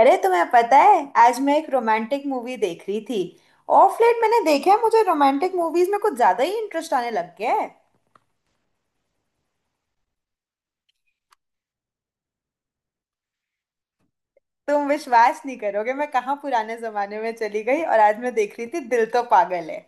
अरे तुम्हें पता है, आज मैं एक रोमांटिक मूवी देख रही थी। ऑफ लेट मैंने देखा है मुझे रोमांटिक मूवीज में कुछ ज्यादा ही इंटरेस्ट आने लग गया है। तुम विश्वास नहीं करोगे, मैं कहाँ पुराने जमाने में चली गई, और आज मैं देख रही थी दिल तो पागल है।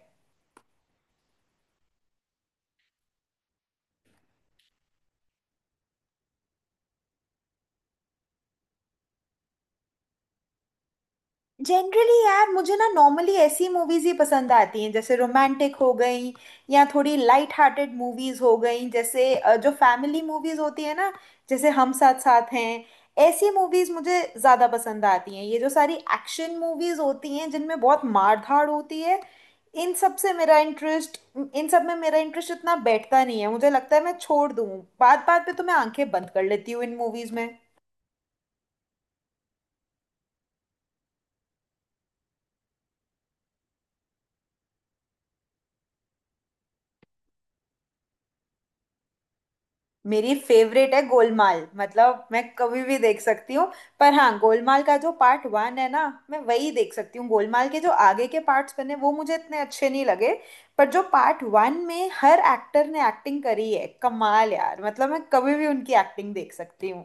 जनरली यार मुझे ना नॉर्मली ऐसी मूवीज ही पसंद आती हैं, जैसे रोमांटिक हो गई या थोड़ी लाइट हार्टेड मूवीज हो गई, जैसे जो फैमिली मूवीज होती है ना, जैसे हम साथ साथ हैं। ऐसी मूवीज मुझे ज्यादा पसंद आती हैं। ये जो सारी एक्शन मूवीज होती हैं जिनमें बहुत मार धाड़ होती है, इन सब से मेरा इंटरेस्ट इन सब में मेरा इंटरेस्ट इतना बैठता नहीं है। मुझे लगता है मैं छोड़ दूँ। बात बात पे तो मैं आंखें बंद कर लेती हूँ इन मूवीज में। मेरी फेवरेट है गोलमाल, मतलब मैं कभी भी देख सकती हूँ। पर हाँ, गोलमाल का जो पार्ट वन है ना, मैं वही देख सकती हूँ। गोलमाल के जो आगे के पार्ट्स बने वो मुझे इतने अच्छे नहीं लगे। पर जो पार्ट वन में हर एक्टर ने एक्टिंग करी है, कमाल यार। मतलब मैं कभी भी उनकी एक्टिंग देख सकती हूँ।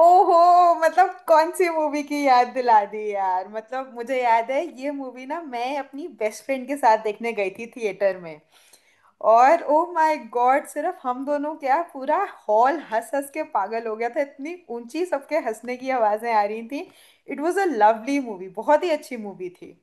ओहो, मतलब कौन सी मूवी की याद दिला दी यार। मतलब मुझे याद है ये मूवी, ना मैं अपनी बेस्ट फ्रेंड के साथ देखने गई थी थिएटर में, और ओ माय गॉड, सिर्फ हम दोनों क्या, पूरा हॉल हंस हंस के पागल हो गया था। इतनी ऊंची सबके हंसने की आवाजें आ रही थी। It was a lovely movie. बहुत ही अच्छी मूवी थी।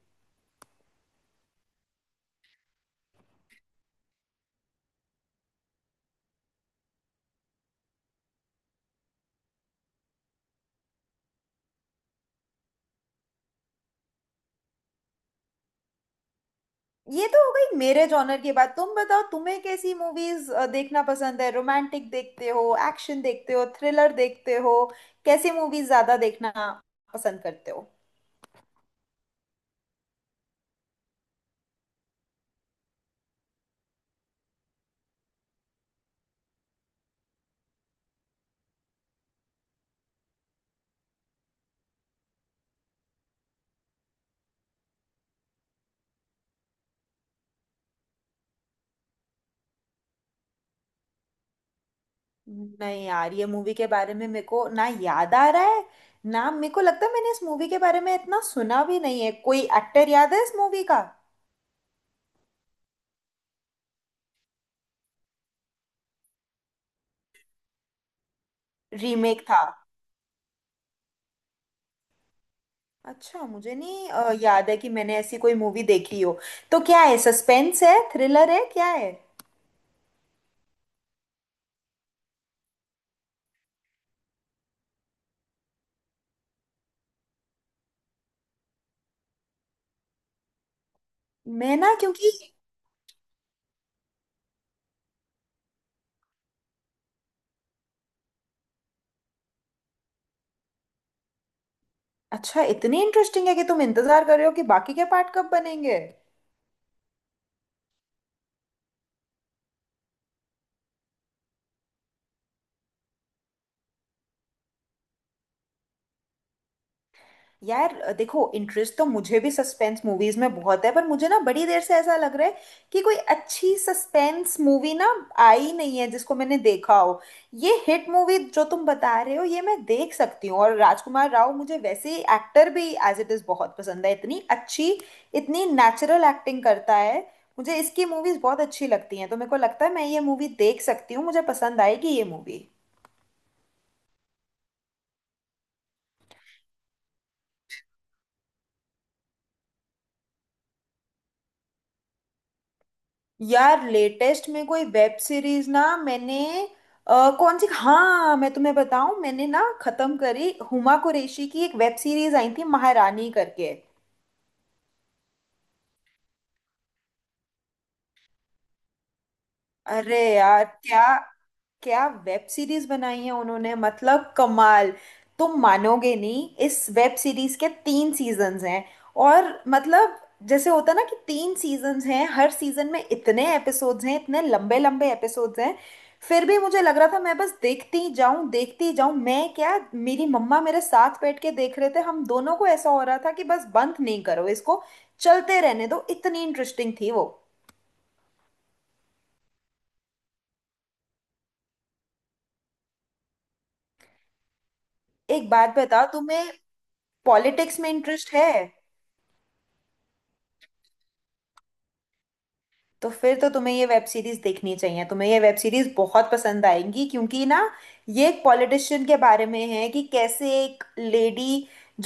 ये तो हो गई मेरे जॉनर की बात, तुम बताओ तुम्हें कैसी मूवीज देखना पसंद है? रोमांटिक देखते हो, एक्शन देखते हो, थ्रिलर देखते हो? कैसी मूवीज ज्यादा देखना पसंद करते हो? नहीं यार, ये मूवी के बारे में मेरे को ना याद आ रहा है ना। मेरे को लगता है मैंने इस मूवी के बारे में इतना सुना भी नहीं है। कोई एक्टर याद है इस मूवी का? रीमेक था। अच्छा, मुझे नहीं याद है कि मैंने ऐसी कोई मूवी देखी हो। तो क्या है, सस्पेंस है, थ्रिलर है, क्या है? मैं ना क्योंकि, अच्छा, इतनी इंटरेस्टिंग है कि तुम इंतजार कर रहे हो कि बाकी के पार्ट कब बनेंगे? यार देखो, इंटरेस्ट तो मुझे भी सस्पेंस मूवीज में बहुत है, पर मुझे ना बड़ी देर से ऐसा लग रहा है कि कोई अच्छी सस्पेंस मूवी ना आई नहीं है जिसको मैंने देखा हो। ये हिट मूवी जो तुम बता रहे हो ये मैं देख सकती हूँ, और राजकुमार राव मुझे वैसे ही एक्टर भी एज इट इज बहुत पसंद है। इतनी अच्छी, इतनी नेचुरल एक्टिंग करता है। मुझे इसकी मूवीज बहुत अच्छी लगती हैं। तो मेरे को लगता है मैं ये मूवी देख सकती हूँ, मुझे पसंद आएगी ये मूवी। यार लेटेस्ट में कोई वेब सीरीज ना मैंने कौन सी, हाँ मैं तुम्हें बताऊं, मैंने ना खत्म करी, हुमा कुरैशी की एक वेब सीरीज आई थी महारानी करके। अरे यार, क्या क्या वेब सीरीज बनाई है उन्होंने, मतलब कमाल। तुम मानोगे नहीं, इस वेब सीरीज के तीन सीजन्स हैं। और मतलब, जैसे होता ना कि तीन सीजन्स हैं, हर सीजन में इतने एपिसोड्स हैं, इतने लंबे लंबे एपिसोड्स हैं, फिर भी मुझे लग रहा था मैं बस देखती जाऊं देखती जाऊं। मैं क्या, मेरी मम्मा मेरे साथ बैठ के देख रहे थे, हम दोनों को ऐसा हो रहा था कि बस बंद नहीं करो इसको, चलते रहने दो। इतनी इंटरेस्टिंग थी वो। एक बात बताओ, तुम्हें पॉलिटिक्स में इंटरेस्ट है? तो फिर तो तुम्हें ये वेब सीरीज देखनी चाहिए। तुम्हें ये वेब सीरीज बहुत पसंद आएंगी, क्योंकि ना ये एक पॉलिटिशियन के बारे में है कि कैसे एक लेडी,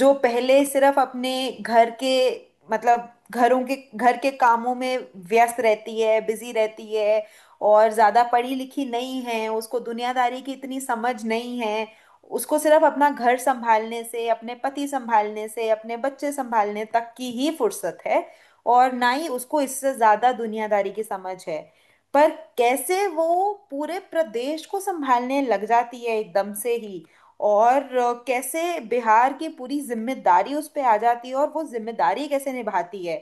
जो पहले सिर्फ अपने घर के मतलब घरों के घर के कामों में व्यस्त रहती है, बिजी रहती है, और ज्यादा पढ़ी लिखी नहीं है, उसको दुनियादारी की इतनी समझ नहीं है। उसको सिर्फ अपना घर संभालने से, अपने पति संभालने से, अपने बच्चे संभालने तक की ही फुर्सत है, और ना ही उसको इससे ज्यादा दुनियादारी की समझ है। पर कैसे वो पूरे प्रदेश को संभालने लग जाती है एकदम से ही, और कैसे बिहार की पूरी जिम्मेदारी उस पे आ जाती है, और वो जिम्मेदारी कैसे निभाती है।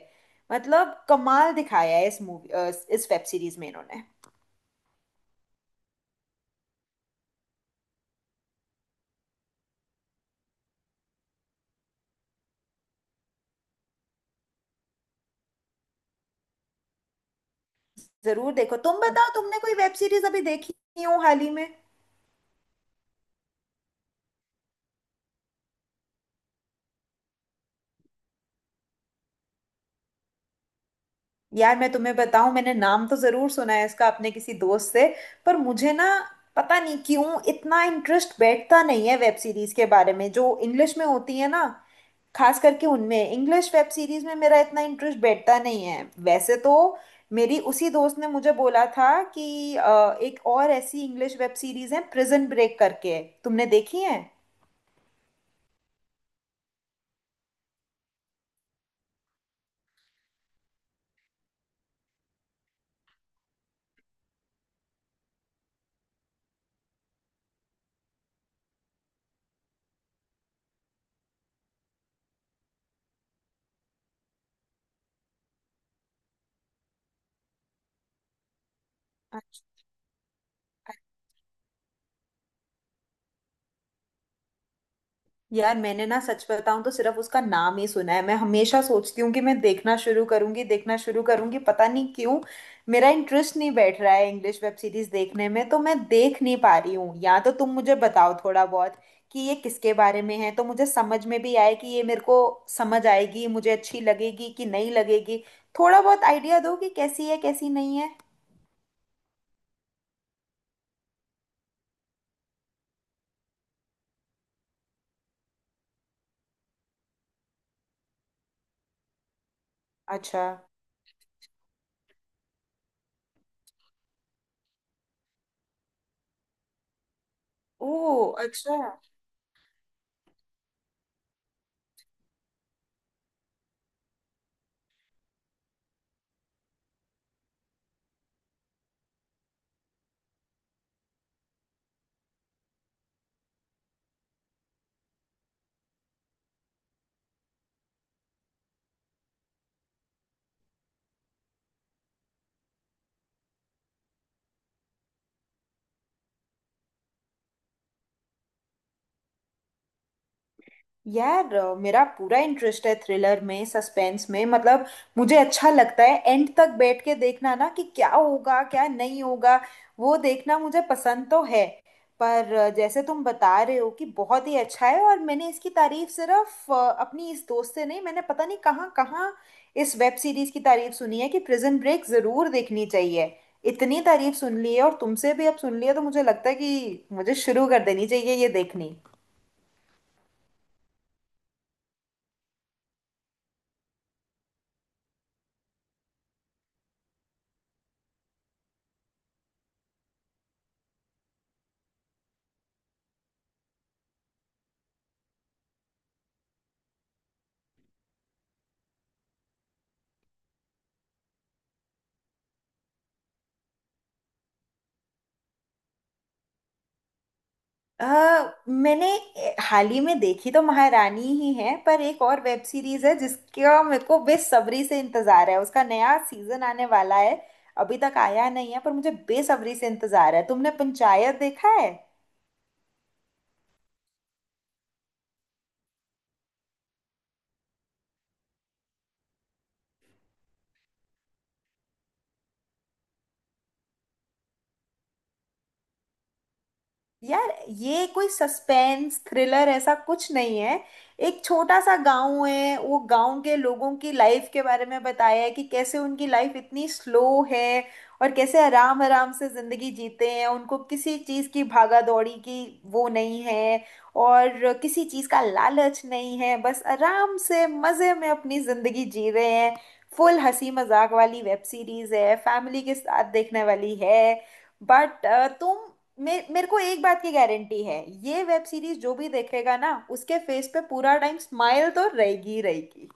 मतलब कमाल दिखाया है इस वेब सीरीज में इन्होंने। जरूर देखो। तुम बताओ, तुमने कोई वेब सीरीज अभी देखी हो हाल ही में? यार मैं तुम्हें बताऊं, मैंने नाम तो जरूर सुना है इसका अपने किसी दोस्त से, पर मुझे ना पता नहीं क्यों इतना इंटरेस्ट बैठता नहीं है वेब सीरीज के बारे में जो इंग्लिश में होती है ना। खास करके उनमें, इंग्लिश वेब सीरीज में मेरा इतना इंटरेस्ट बैठता नहीं है। वैसे तो मेरी उसी दोस्त ने मुझे बोला था कि एक और ऐसी इंग्लिश वेब सीरीज है प्रिजन ब्रेक करके, तुमने देखी है? अच्छा। यार मैंने ना सच बताऊं तो सिर्फ उसका नाम ही सुना है। मैं हमेशा सोचती हूँ कि मैं देखना शुरू करूंगी, देखना शुरू करूंगी, पता नहीं क्यों मेरा इंटरेस्ट नहीं बैठ रहा है इंग्लिश वेब सीरीज देखने में, तो मैं देख नहीं पा रही हूँ। या तो तुम मुझे बताओ थोड़ा बहुत कि ये किसके बारे में है, तो मुझे समझ में भी आए कि ये मेरे को समझ आएगी, मुझे अच्छी लगेगी कि नहीं लगेगी। थोड़ा बहुत आइडिया दो कि कैसी है, कैसी नहीं है। अच्छा। ओह अच्छा। यार मेरा पूरा इंटरेस्ट है थ्रिलर में, सस्पेंस में, मतलब मुझे अच्छा लगता है एंड तक बैठ के देखना ना कि क्या होगा क्या नहीं होगा। वो देखना मुझे पसंद तो है, पर जैसे तुम बता रहे हो कि बहुत ही अच्छा है, और मैंने इसकी तारीफ सिर्फ अपनी इस दोस्त से नहीं, मैंने पता नहीं कहाँ कहाँ इस वेब सीरीज की तारीफ सुनी है कि प्रिजन ब्रेक जरूर देखनी चाहिए। इतनी तारीफ सुन ली है, और तुमसे भी अब सुन लिया, तो मुझे लगता है कि मुझे शुरू कर देनी चाहिए ये देखनी। अ, मैंने हाल ही में देखी तो महारानी ही है, पर एक और वेब सीरीज है जिसका मेरे को बेसब्री से इंतजार है। उसका नया सीजन आने वाला है, अभी तक आया नहीं है, पर मुझे बेसब्री से इंतजार है। तुमने पंचायत देखा है? यार ये कोई सस्पेंस थ्रिलर ऐसा कुछ नहीं है। एक छोटा सा गांव है, वो गांव के लोगों की लाइफ के बारे में बताया है कि कैसे उनकी लाइफ इतनी स्लो है, और कैसे आराम आराम से जिंदगी जीते हैं। उनको किसी चीज की भागा दौड़ी की वो नहीं है, और किसी चीज का लालच नहीं है, बस आराम से मजे में अपनी जिंदगी जी रहे हैं। फुल हंसी मजाक वाली वेब सीरीज है, फैमिली के साथ देखने वाली है। बट तुम मे मेरे को एक बात की गारंटी है, ये वेब सीरीज जो भी देखेगा ना, उसके फेस पे पूरा टाइम स्माइल तो रहेगी ही रहेगी।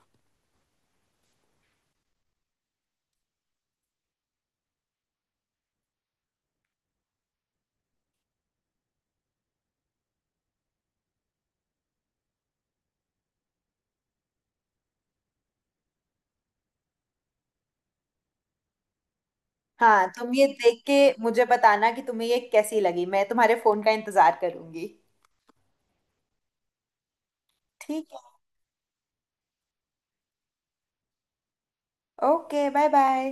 हाँ, तुम ये देख के मुझे बताना कि तुम्हें ये कैसी लगी, मैं तुम्हारे फोन का इंतजार करूंगी। ठीक है। Okay, bye bye.